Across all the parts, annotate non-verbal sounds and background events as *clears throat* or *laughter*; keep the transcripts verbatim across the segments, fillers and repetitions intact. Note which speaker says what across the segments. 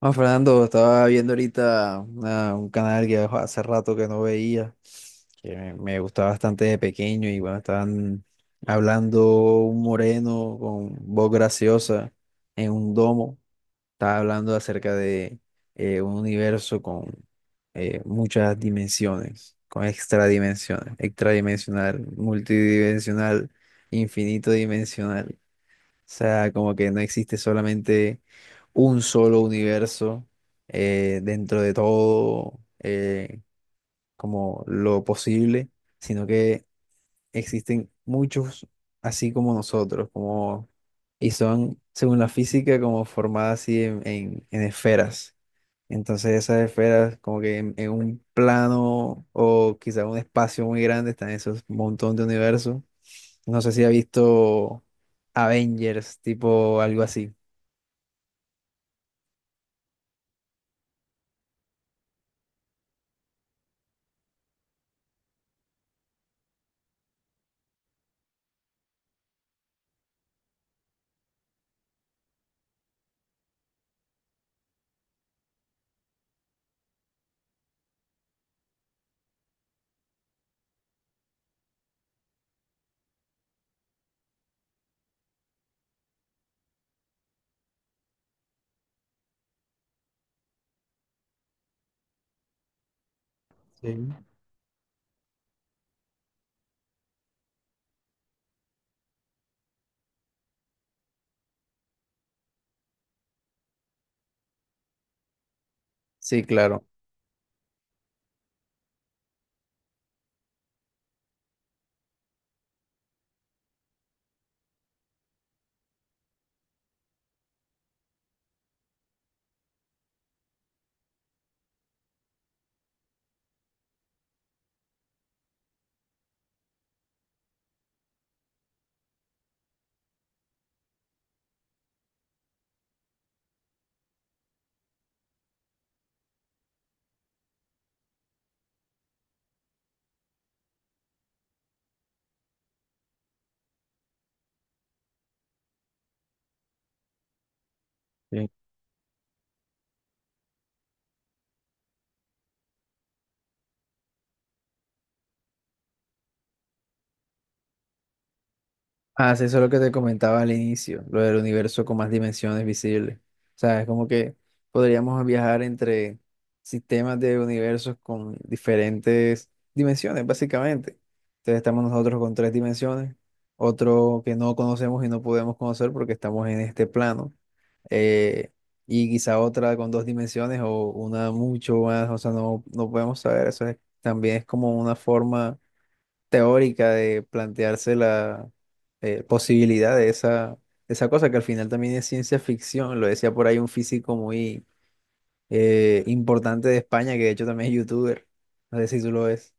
Speaker 1: Ah, Fernando, estaba viendo ahorita una- un canal que jo, hace rato que no veía, que me, me gustaba bastante de pequeño y bueno, estaban hablando un moreno con voz graciosa en un domo. Estaba hablando acerca de eh, un universo con eh, muchas dimensiones, con extradimensiones, extradimensional, multidimensional, infinito dimensional sea, como que no existe solamente un solo universo eh, dentro de todo eh, como lo posible, sino que existen muchos así como nosotros, como, y son, según la física, como formadas así en, en en esferas. Entonces esas esferas como que en, en un plano o quizá un espacio muy grande están esos montón de universos. No sé si ha visto Avengers, tipo algo así. Sí. Sí, claro. Ah, sí, eso es lo que te comentaba al inicio, lo del universo con más dimensiones visibles. O sea, es como que podríamos viajar entre sistemas de universos con diferentes dimensiones, básicamente. Entonces estamos nosotros con tres dimensiones, otro que no conocemos y no podemos conocer porque estamos en este plano, eh, y quizá otra con dos dimensiones o una mucho más, o sea, no, no podemos saber. Eso es- también es como una forma teórica de plantearse la eh, posibilidad de esa, de esa cosa que al final también es ciencia ficción. Lo decía por ahí un físico muy eh, importante de España, que de hecho también es youtuber. No sé si tú lo ves.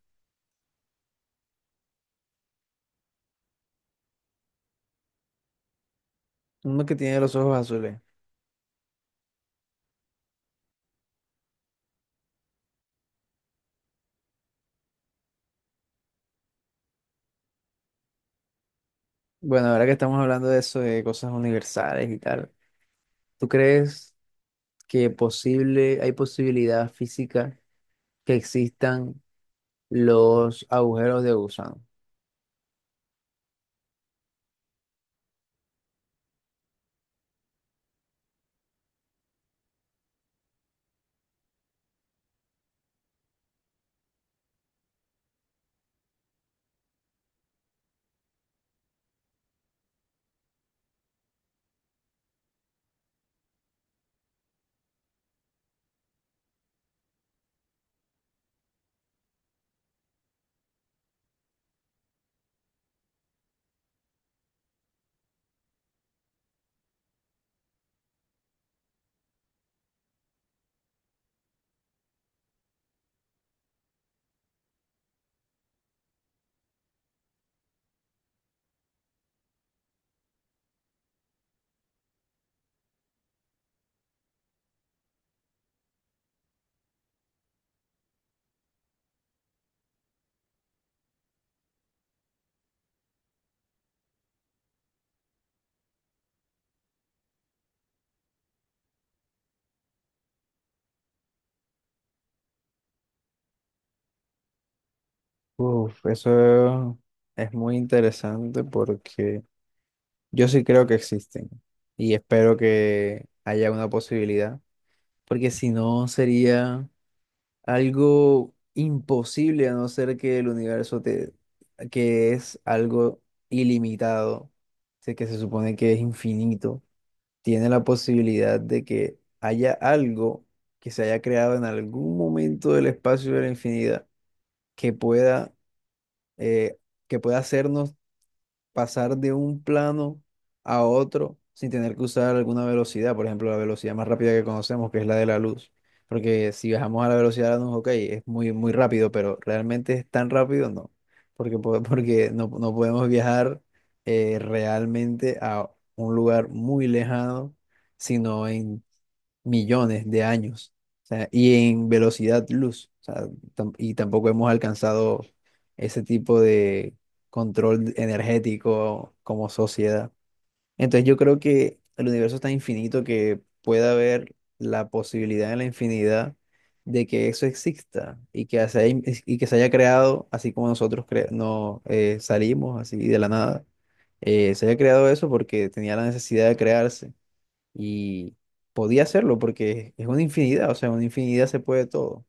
Speaker 1: Uno que tiene los ojos azules. Bueno, ahora que estamos hablando de eso, de cosas universales y tal, ¿tú crees que posible, hay posibilidad física que existan los agujeros de gusano? Uf, eso es muy interesante porque yo sí creo que existen y espero que haya una posibilidad, porque si no sería algo imposible a no ser que el universo te, que es algo ilimitado, sé que se supone que es infinito, tiene la posibilidad de que haya algo que se haya creado en algún momento del espacio de la infinidad que pueda, eh, que pueda hacernos pasar de un plano a otro sin tener que usar alguna velocidad, por ejemplo, la velocidad más rápida que conocemos, que es la de la luz. Porque si bajamos a la velocidad de la luz, ok, es muy, muy rápido, pero realmente es tan rápido, no. Porque, po- *laughs* porque no, no podemos viajar eh, realmente a un lugar muy lejano, sino en millones de años, o sea, y en velocidad luz, o sea, tam- y tampoco hemos alcanzado ese tipo de control energético como sociedad. Entonces yo creo que el universo es tan infinito que puede haber la posibilidad en la infinidad de que eso exista y que se haya, y que se haya creado así como nosotros cre- no, eh, salimos así de la nada. Eh, se haya creado eso porque tenía la necesidad de crearse y podía hacerlo porque es una infinidad, o sea, una infinidad se puede todo.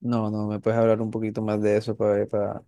Speaker 1: No, no, ¿me puedes hablar un poquito más de eso para ver? Para...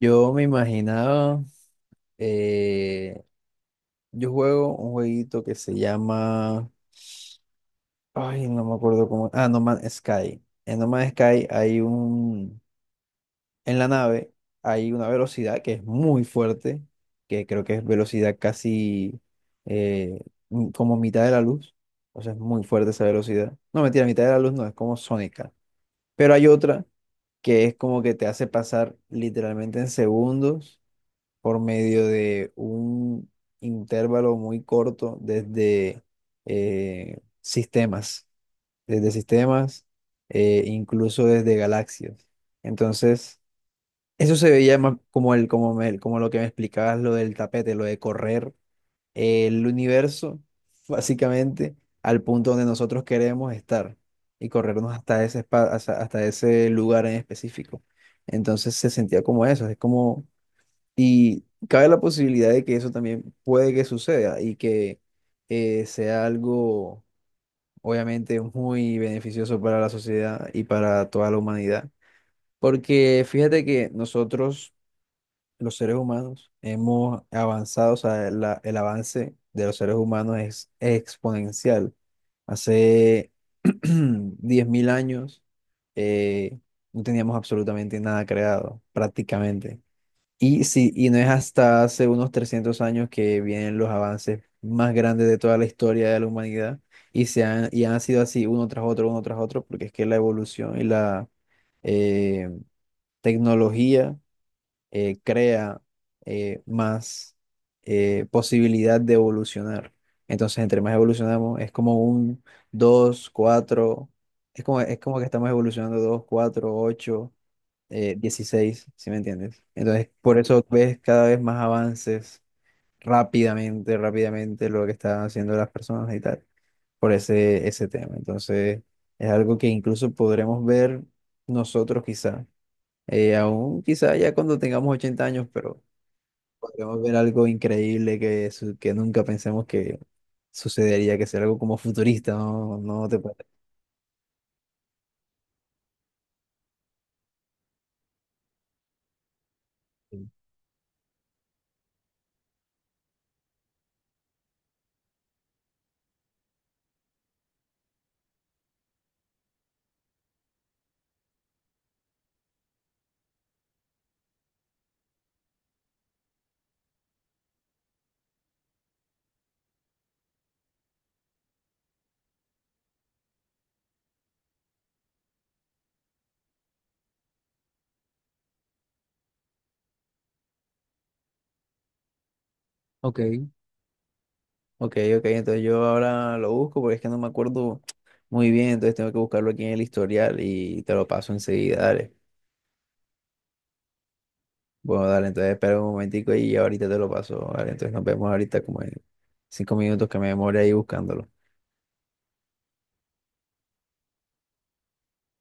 Speaker 1: Yo me imaginaba, eh, yo juego un jueguito que se llama, ay, no me acuerdo cómo, ah, No Man's Sky. En No Man's Sky hay un, en la nave hay una velocidad que es muy fuerte, que creo que es velocidad casi eh, m- como mitad de la luz. O sea, es muy fuerte esa velocidad. No, mentira, mitad de la luz no, es como sónica. Pero hay otra que es como que te hace pasar literalmente en segundos por medio de un intervalo muy corto desde eh, sistemas, desde sistemas, eh, incluso desde galaxias. Entonces... Eso se veía más como el, como me- como lo que me explicabas, lo del tapete, lo de correr el universo, básicamente, al punto donde nosotros queremos estar y corrernos hasta ese espa- hasta, hasta ese lugar en específico. Entonces se sentía como eso, es como, y cabe la posibilidad de que eso también puede que suceda y que eh, sea algo, obviamente, muy beneficioso para la sociedad y para toda la humanidad. Porque fíjate que nosotros los seres humanos hemos avanzado, o sea, la- el avance de los seres humanos es exponencial. Hace *clears throat* diez mil años eh, no teníamos absolutamente nada creado, prácticamente. Y, sí, y no es hasta hace unos trescientos años que vienen los avances más grandes de toda la historia de la humanidad y, se han, y han sido así uno tras otro, uno tras otro, porque es que la evolución y la eh, tecnología eh, crea eh, más eh, posibilidad de evolucionar. Entonces, entre más evolucionamos, es como un dos cuatro es como, es como que estamos evolucionando dos cuatro ocho eh, dieciséis, ¿sí me entiendes? Entonces, por eso ves cada vez más avances rápidamente, rápidamente lo que están haciendo las personas y tal, por ese, ese tema. Entonces, es algo que incluso podremos ver nosotros quizá, eh, aún quizá ya cuando tengamos ochenta años, pero podríamos ver algo increíble que, su- que nunca pensemos que sucedería, que sea algo como futurista, ¿no? No te puedo decir. Ok, ok, ok, entonces yo ahora lo busco porque es que no me acuerdo muy bien, entonces tengo que buscarlo aquí en el historial y te lo paso enseguida, dale. Bueno, dale, entonces espera un momentico y ahorita te lo paso, dale, entonces nos vemos ahorita como en cinco minutos que me demore ahí buscándolo.